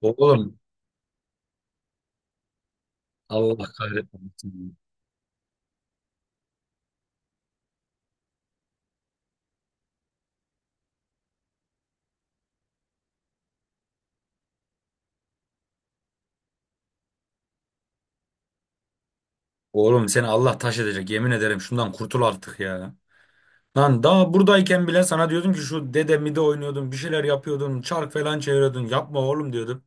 Oğlum, Allah kahretmesin. Oğlum, seni Allah taş edecek, yemin ederim, şundan kurtul artık ya. Lan daha buradayken bile sana diyordum ki şu dede mide oynuyordun, bir şeyler yapıyordun, çark falan çeviriyordun, yapma oğlum diyordum.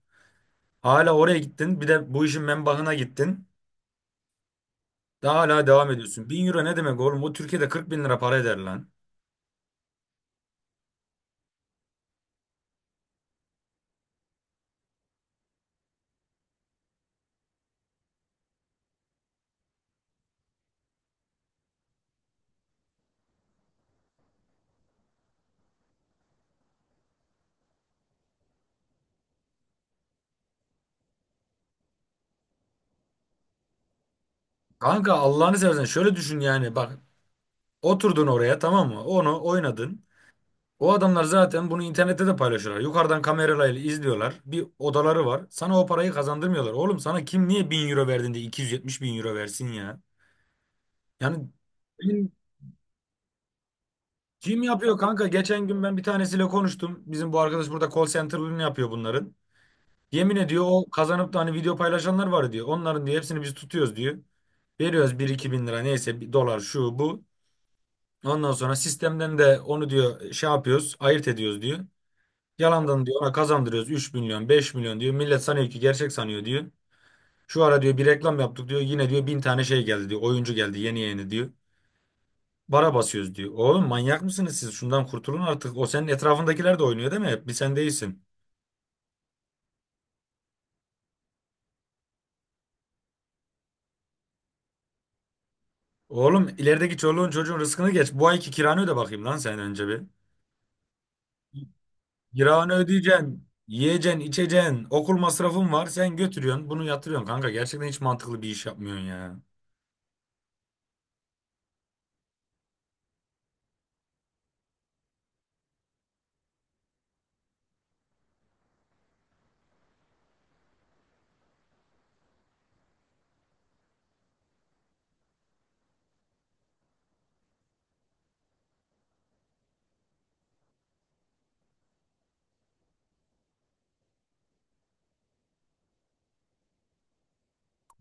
Hala oraya gittin, bir de bu işin menbahına gittin. Daha hala devam ediyorsun. Bin euro ne demek oğlum? Bu Türkiye'de 40 bin lira para eder lan. Kanka Allah'ını seversen şöyle düşün, yani bak, oturdun oraya tamam mı, onu oynadın. O adamlar zaten bunu internette de paylaşıyorlar. Yukarıdan kameralarıyla izliyorlar. Bir odaları var. Sana o parayı kazandırmıyorlar. Oğlum sana kim, niye 1.000 euro verdin de 270.000 euro versin ya? Yani kim, kim yapıyor kanka? Geçen gün ben bir tanesiyle konuştum. Bizim bu arkadaş burada call center'ını yapıyor bunların. Yemin ediyor, o kazanıp da hani video paylaşanlar var diyor. Onların diyor hepsini biz tutuyoruz diyor. Veriyoruz bir iki bin lira, neyse bir dolar, şu bu. Ondan sonra sistemden de onu diyor şey yapıyoruz, ayırt ediyoruz diyor. Yalandan diyor ona kazandırıyoruz 3 milyon 5 milyon diyor. Millet sanıyor ki, gerçek sanıyor diyor. Şu ara diyor bir reklam yaptık diyor. Yine diyor bin tane şey geldi diyor. Oyuncu geldi yeni yeni diyor. Bara basıyoruz diyor. Oğlum manyak mısınız siz? Şundan kurtulun artık. O senin etrafındakiler de oynuyor değil mi? Hep bir sen değilsin. Oğlum, ilerideki çoluğun çocuğun rızkını geç. Bu ayki kiranı öde bakayım lan sen önce bir. Kiranı ödeyeceksin. Yiyeceksin, içeceksin. Okul masrafın var. Sen götürüyorsun. Bunu yatırıyorsun kanka. Gerçekten hiç mantıklı bir iş yapmıyorsun ya.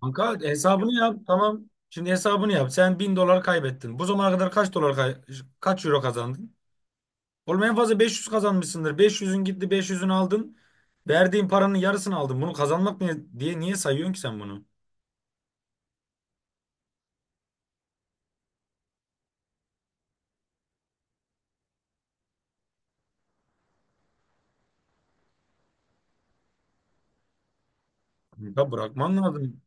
Kanka hesabını yap. Tamam. Şimdi hesabını yap. Sen 1.000 dolar kaybettin. Bu zamana kadar kaç dolar kaç euro kazandın? Oğlum en fazla 500 kazanmışsındır. Beş yüzün gitti, 500'ünü aldın. Verdiğin paranın yarısını aldın. Bunu kazanmak ne diye, niye sayıyorsun ki sen bunu? Ya, bırakman lazım.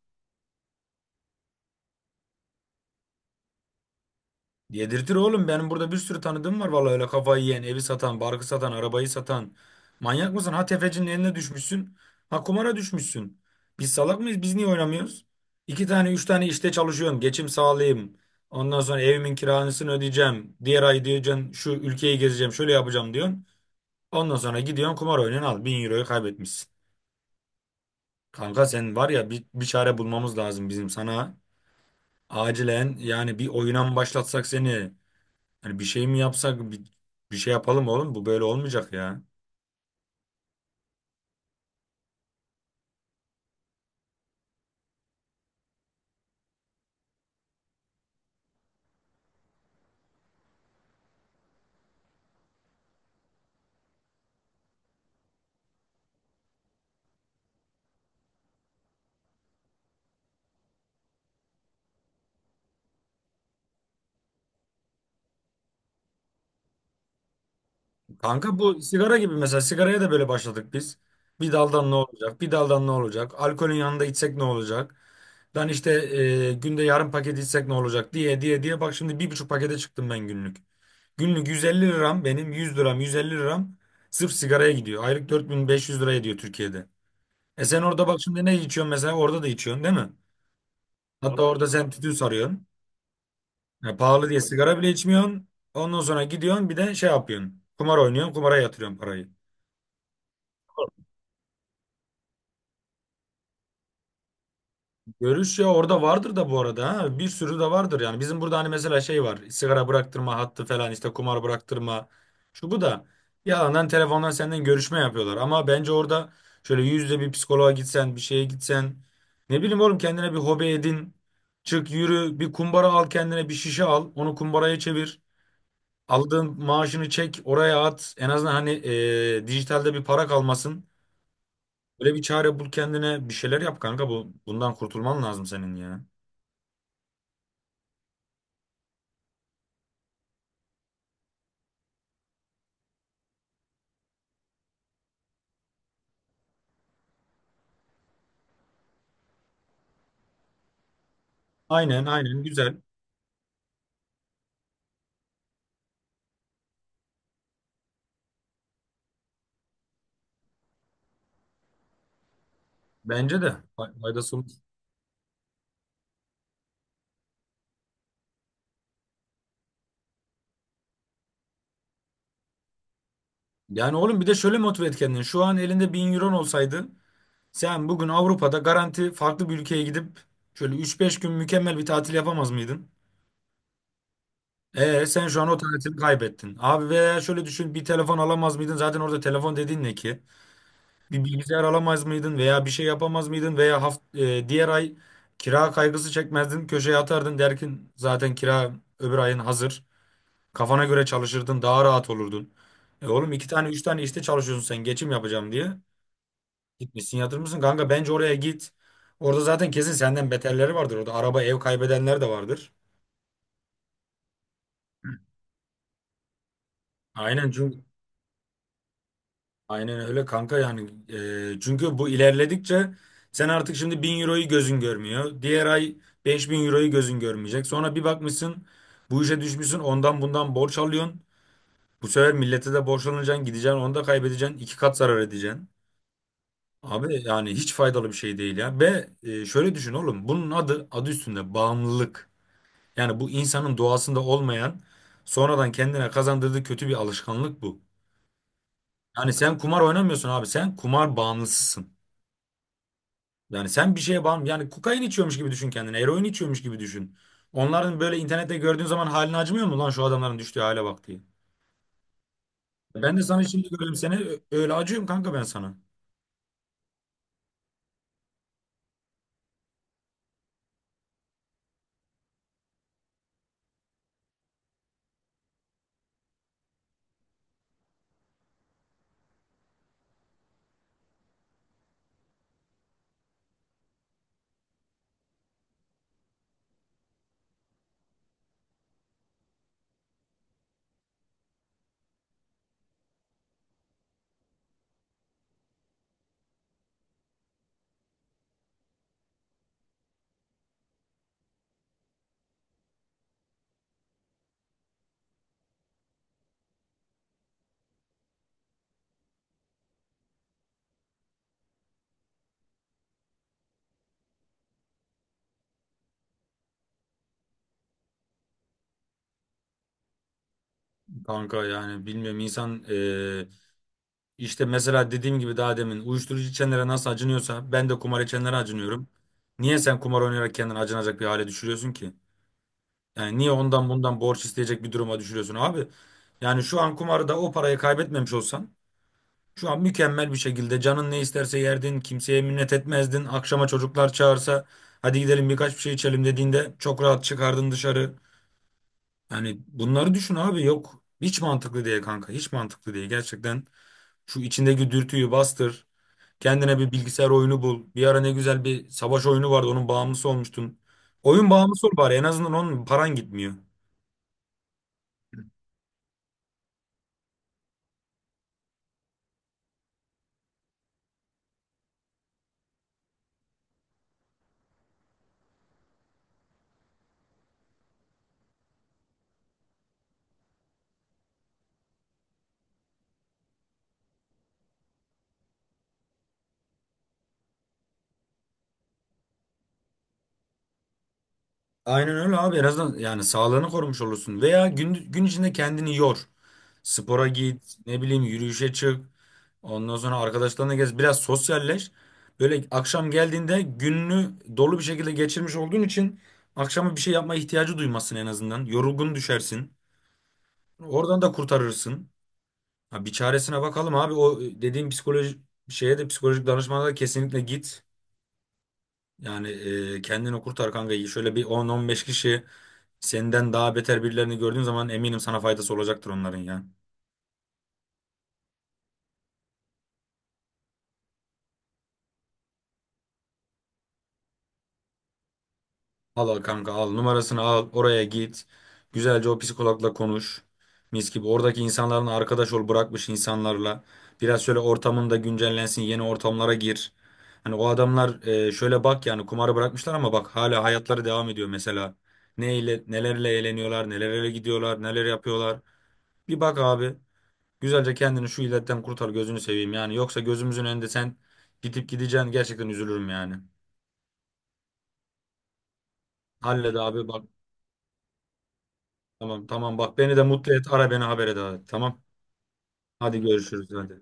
Yedirtir oğlum. Benim burada bir sürü tanıdığım var vallahi, öyle kafayı yiyen, evi satan, barkı satan, arabayı satan. Manyak mısın? Ha, tefecinin eline düşmüşsün. Ha, kumara düşmüşsün. Biz salak mıyız? Biz niye oynamıyoruz? İki tane, üç tane işte çalışıyorum. Geçim sağlayayım. Ondan sonra evimin kirasını ödeyeceğim. Diğer ay diyeceksin şu ülkeyi gezeceğim, şöyle yapacağım diyorsun. Ondan sonra gidiyorsun kumar oynuyorsun al. 1.000 euroyu kaybetmişsin. Kanka sen var ya, bir çare bulmamız lazım bizim sana. Acilen yani, bir oyuna mı başlatsak seni? Hani bir şey mi yapsak, bir şey yapalım oğlum, bu böyle olmayacak ya. Kanka bu sigara gibi, mesela sigaraya da böyle başladık biz. Bir daldan ne olacak? Bir daldan ne olacak? Alkolün yanında içsek ne olacak? Lan işte günde yarım paket içsek ne olacak diye diye diye, bak şimdi bir buçuk pakete çıktım ben günlük. Günlük 150 liram, benim 100 liram, 150 liram sırf sigaraya gidiyor. Aylık 4500 lira ediyor Türkiye'de. E sen orada bak, şimdi ne içiyorsun mesela? Orada da içiyorsun değil mi? Hatta orada sen tütün sarıyorsun. Ya pahalı diye sigara bile içmiyorsun. Ondan sonra gidiyorsun bir de şey yapıyorsun. Kumar oynuyorsun, kumara yatırıyorsun parayı. Görüş, ya orada vardır da bu arada ha. Bir sürü de vardır yani. Bizim burada hani mesela şey var. Sigara bıraktırma hattı falan, işte kumar bıraktırma. Şu bu da. Yalandan telefondan senden görüşme yapıyorlar. Ama bence orada şöyle yüzde bir psikoloğa gitsen, bir şeye gitsen. Ne bileyim oğlum, kendine bir hobi edin. Çık yürü, bir kumbara al kendine, bir şişe al. Onu kumbaraya çevir. Aldığın maaşını çek, oraya at. En azından hani dijitalde bir para kalmasın. Böyle bir çare bul kendine. Bir şeyler yap kanka. Bundan kurtulman lazım senin ya. Aynen aynen, güzel. Bence de faydası olur. Yani oğlum, bir de şöyle motive et kendini. Şu an elinde 1.000 euron olsaydı sen bugün Avrupa'da garanti farklı bir ülkeye gidip şöyle üç beş gün mükemmel bir tatil yapamaz mıydın? E sen şu an o tatili kaybettin. Abi veya şöyle düşün, bir telefon alamaz mıydın? Zaten orada telefon dediğin ne ki? Bir bilgisayar alamaz mıydın veya bir şey yapamaz mıydın veya diğer ay kira kaygısı çekmezdin, köşeye atardın, derkin zaten kira öbür ayın hazır, kafana göre çalışırdın, daha rahat olurdun. E oğlum, iki tane üç tane işte çalışıyorsun sen, geçim yapacağım diye gitmişsin yatırmışsın kanka. Bence oraya git, orada zaten kesin senden beterleri vardır, orada araba ev kaybedenler de vardır. Aynen çünkü Aynen öyle kanka yani. Çünkü bu ilerledikçe sen artık şimdi 1.000 euroyu gözün görmüyor. Diğer ay 5.000 euroyu gözün görmeyecek. Sonra bir bakmışsın bu işe düşmüşsün, ondan bundan borç alıyorsun. Bu sefer millete de borçlanacaksın, gideceksin onu da kaybedeceksin, iki kat zarar edeceksin. Abi yani hiç faydalı bir şey değil ya. Ve şöyle düşün oğlum, bunun adı üstünde bağımlılık. Yani bu insanın doğasında olmayan, sonradan kendine kazandırdığı kötü bir alışkanlık bu. Yani sen kumar oynamıyorsun abi, sen kumar bağımlısısın. Yani sen bir şeye yani, kokain içiyormuş gibi düşün kendini. Eroin içiyormuş gibi düşün. Onların böyle internette gördüğün zaman halini acımıyor mu, lan şu adamların düştüğü hale bak diye. Ben de sana şimdi göreyim seni, öyle acıyorum kanka ben sana. Kanka yani bilmiyorum insan, işte mesela dediğim gibi, daha demin uyuşturucu içenlere nasıl acınıyorsa, ben de kumar içenlere acınıyorum. Niye sen kumar oynayarak kendini acınacak bir hale düşürüyorsun ki? Yani niye ondan bundan borç isteyecek bir duruma düşürüyorsun abi? Yani şu an kumarda o parayı kaybetmemiş olsan, şu an mükemmel bir şekilde canın ne isterse yerdin, kimseye minnet etmezdin. Akşama çocuklar çağırsa, hadi gidelim birkaç bir şey içelim dediğinde çok rahat çıkardın dışarı. Yani bunları düşün abi, yok hiç mantıklı değil kanka, hiç mantıklı değil. Gerçekten şu içindeki dürtüyü bastır. Kendine bir bilgisayar oyunu bul. Bir ara ne güzel bir savaş oyunu vardı, onun bağımlısı olmuştun. Oyun bağımlısı ol bari, en azından onun paran gitmiyor. Aynen öyle abi, en azından yani sağlığını korumuş olursun. Veya gün içinde kendini yor. Spora git, ne bileyim yürüyüşe çık. Ondan sonra arkadaşlarına gez, biraz sosyalleş. Böyle akşam geldiğinde gününü dolu bir şekilde geçirmiş olduğun için akşama bir şey yapma ihtiyacı duymazsın en azından. Yorgun düşersin. Oradan da kurtarırsın. Ha, bir çaresine bakalım abi. O dediğim psikoloji şeye de, psikolojik danışmana da kesinlikle git. Yani kendini kurtar kanka. Şöyle bir 10-15 kişi, senden daha beter birilerini gördüğün zaman eminim sana faydası olacaktır onların ya. Al al kanka, al numarasını, al oraya git. Güzelce o psikologla konuş. Mis gibi oradaki insanların arkadaş ol, bırakmış insanlarla. Biraz şöyle ortamın da güncellensin, yeni ortamlara gir. Hani o adamlar, şöyle bak, yani kumarı bırakmışlar ama bak hala hayatları devam ediyor mesela. Neyle, nelerle eğleniyorlar, nelerle gidiyorlar, neler yapıyorlar. Bir bak abi. Güzelce kendini şu illetten kurtar, gözünü seveyim yani. Yoksa gözümüzün önünde sen gidip gideceksin, gerçekten üzülürüm yani. Hallet abi bak. Tamam tamam, bak beni de mutlu et, ara beni, haber et abi. Tamam, hadi görüşürüz hadi.